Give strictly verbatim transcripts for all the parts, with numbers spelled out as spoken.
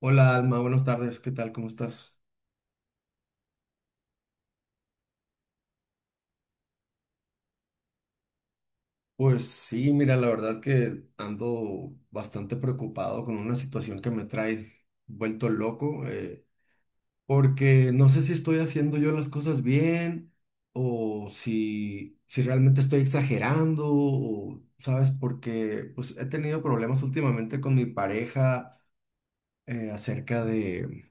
Hola Alma, buenas tardes, ¿qué tal? ¿Cómo estás? Pues sí, mira, la verdad que ando bastante preocupado con una situación que me trae vuelto loco, eh, porque no sé si estoy haciendo yo las cosas bien o si, si realmente estoy exagerando, o, ¿sabes? Porque pues he tenido problemas últimamente con mi pareja, eh, acerca de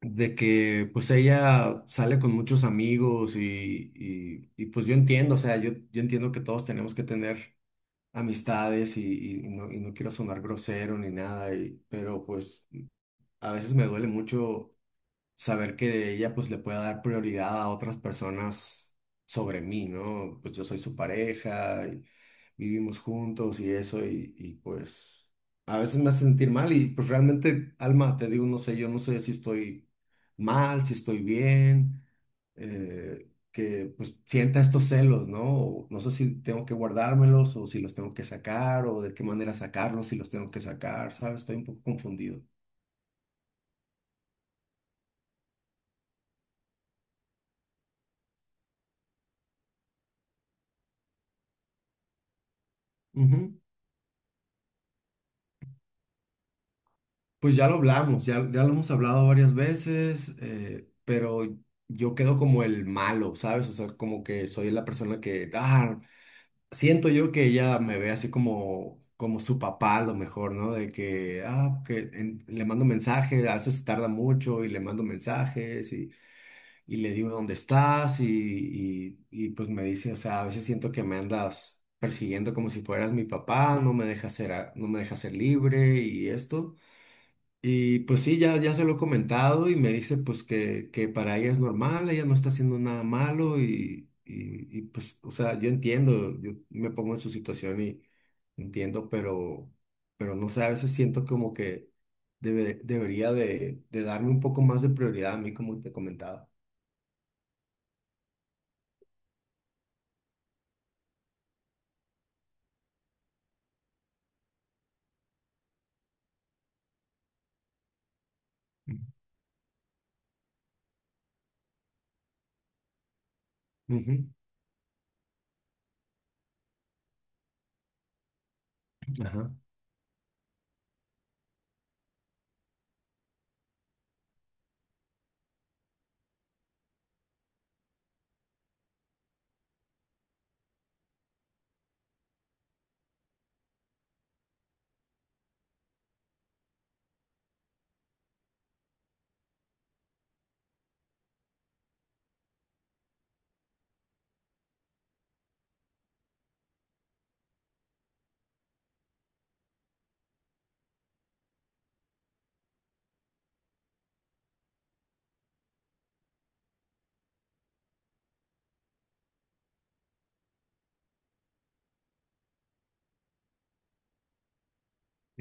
de que pues ella sale con muchos amigos y, y- y, pues yo entiendo, o sea, yo, yo entiendo que todos tenemos que tener amistades y, y no, y no quiero sonar grosero ni nada, y- pero pues a veces me duele mucho saber que ella pues le pueda dar prioridad a otras personas sobre mí, ¿no? Pues yo soy su pareja y vivimos juntos y eso y, y, pues a veces me hace sentir mal y pues realmente, Alma, te digo, no sé, yo no sé si estoy mal, si estoy bien, eh, que pues sienta estos celos, ¿no? O no sé si tengo que guardármelos o si los tengo que sacar o de qué manera sacarlos, si los tengo que sacar, ¿sabes? Estoy un poco confundido. Pues ya lo hablamos, ya, ya lo hemos hablado varias veces, eh, pero yo quedo como el malo, ¿sabes? O sea, como que soy la persona que, ah, siento yo que ella me ve así como, como su papá a lo mejor, ¿no? De que, ah, que en- le mando mensajes, a veces tarda mucho y le mando mensajes y, y le digo dónde estás y, y, y, pues me dice, o sea, a veces siento que me andas persiguiendo como si fueras mi papá, no me deja ser, a- no me deja ser libre y esto. Y pues sí, ya, ya se lo he comentado y me dice pues que, que para ella es normal, ella no está haciendo nada malo y, y, y, pues, o sea, yo entiendo, yo me pongo en su situación y entiendo, pero, pero no sé, a veces siento como que debe- debería de, de darme un poco más de prioridad a mí, como te comentaba. Ujú. Ujú. Ajá,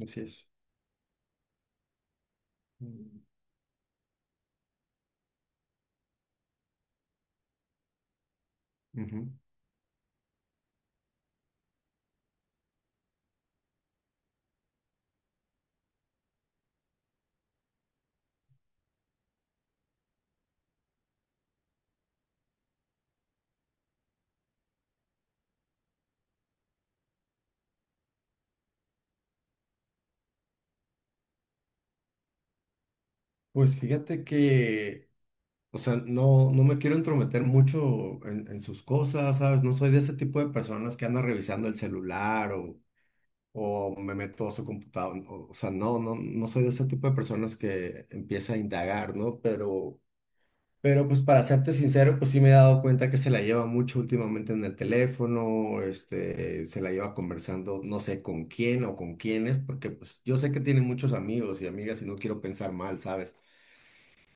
así es. Mm. Ujú. Pues fíjate que… O sea, no, no me quiero entrometer mucho en, en sus cosas, ¿sabes? No soy de ese tipo de personas que andan revisando el celular o, o me meto a su computador. O, o sea, no, no, no soy de ese tipo de personas que empieza a indagar, ¿no? Pero, pero pues para serte sincero, pues sí me he dado cuenta que se la lleva mucho últimamente en el teléfono, este, se la lleva conversando, no sé con quién o con quiénes, porque pues yo sé que tiene muchos amigos y amigas y no quiero pensar mal, ¿sabes?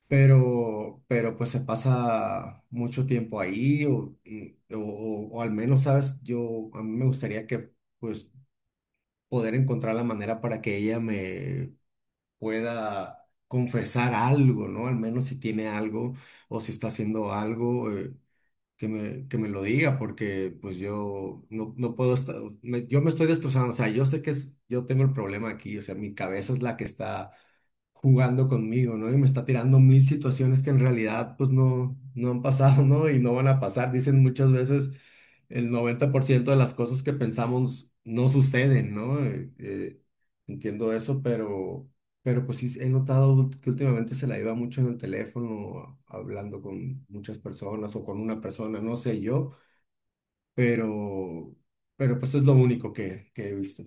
pero, pero pues se pasa mucho tiempo ahí o, y- o, o- o al menos, ¿sabes? Yo, a mí me gustaría que, pues, poder encontrar la manera para que ella me pueda confesar algo, ¿no? Al menos si tiene algo o si está haciendo algo. Eh, que me, que me lo diga, porque pues yo no, no puedo estar, me- yo me estoy destrozando, o sea, yo sé que es- yo tengo el problema aquí, o sea, mi cabeza es la que está jugando conmigo, ¿no? Y me está tirando mil situaciones que en realidad pues no, no han pasado, ¿no? Y no van a pasar. Dicen muchas veces el noventa por ciento de las cosas que pensamos no suceden, ¿no? Eh, eh, entiendo eso, pero… Pero pues sí, he notado ult- que últimamente se la lleva mucho en el teléfono, hablando con muchas personas o con una persona, no sé yo, pero, pero pues es lo único que, que he visto.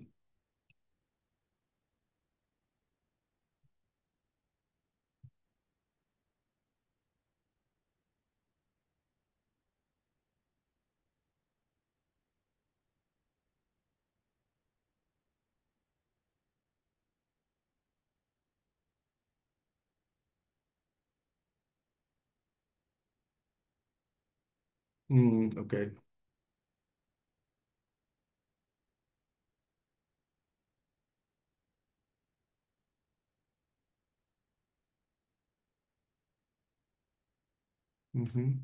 Mm, ok. Ujú.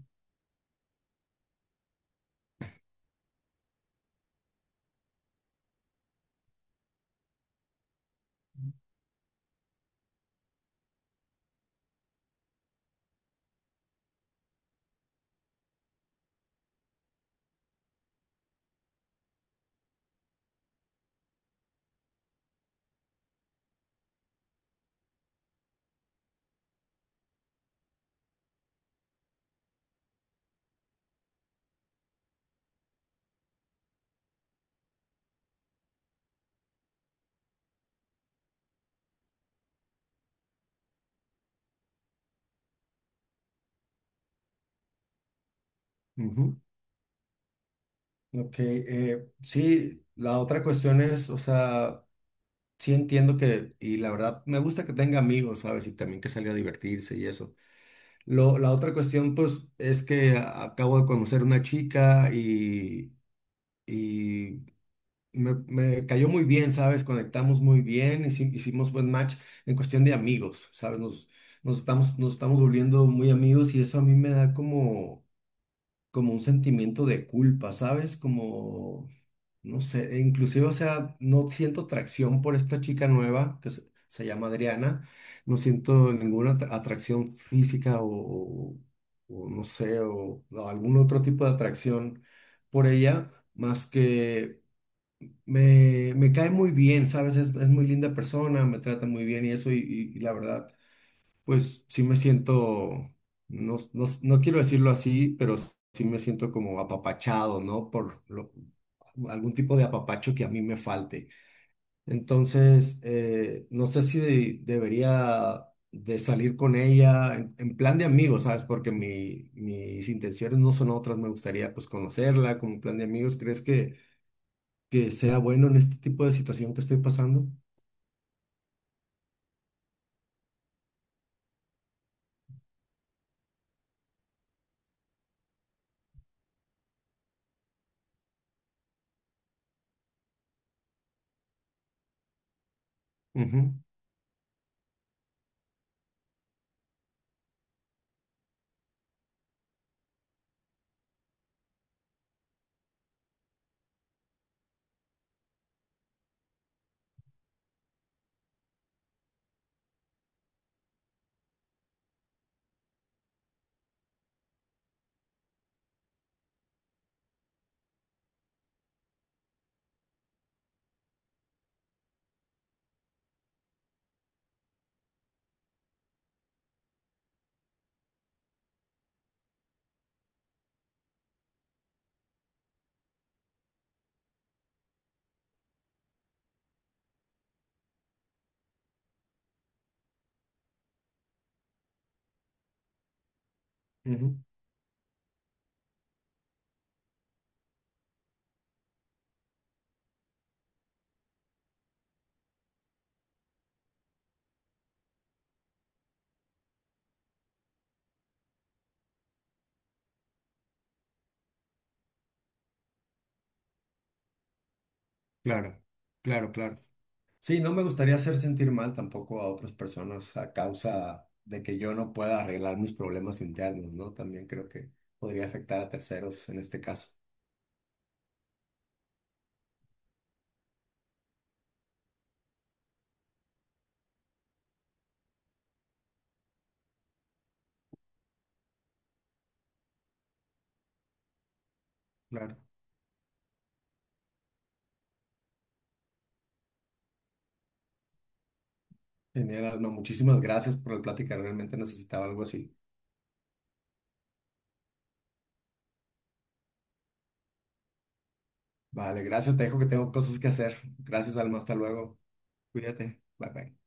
Ujú. Ok, eh, sí, la otra cuestión es, o sea, sí entiendo que, y la verdad, me gusta que tenga amigos, ¿sabes? Y también que salga a divertirse y eso. Lo, la otra cuestión, pues, es que a- acabo de conocer una chica y, y Me, me cayó muy bien, ¿sabes? Conectamos muy bien, hici- hicimos buen match en cuestión de amigos, ¿sabes? Nos, nos estamos, nos estamos volviendo muy amigos y eso a mí me da como, como un sentimiento de culpa, ¿sabes? Como, no sé, e inclusive, o sea, no siento atracción por esta chica nueva que se, se llama Adriana, no siento ninguna atra- atracción física o, o no sé, o o algún otro tipo de atracción por ella, más que me, me cae muy bien, ¿sabes? Es, es muy linda persona, me trata muy bien y eso, y, y- y la verdad, pues sí me siento, no, no, no quiero decirlo así, pero sí me siento como apapachado, ¿no? Por lo- algún tipo de apapacho que a mí me falte. Entonces, eh, no sé si de- debería de salir con ella en, en plan de amigos, ¿sabes? Porque mi, mis intenciones no son otras, me gustaría pues conocerla como plan de amigos. ¿Crees que que sea bueno en este tipo de situación que estoy pasando? Ujú. Ujú, claro, claro, claro. Sí, no me gustaría hacer sentir mal tampoco a otras personas a causa de que yo no pueda arreglar mis problemas internos, ¿no? También creo que podría afectar a terceros en este caso. Claro. Genial, Alma. Muchísimas gracias por la plática. Realmente necesitaba algo así. Vale, gracias. Te dejo que tengo cosas que hacer. Gracias, Alma. Hasta luego. Cuídate. Bye, bye.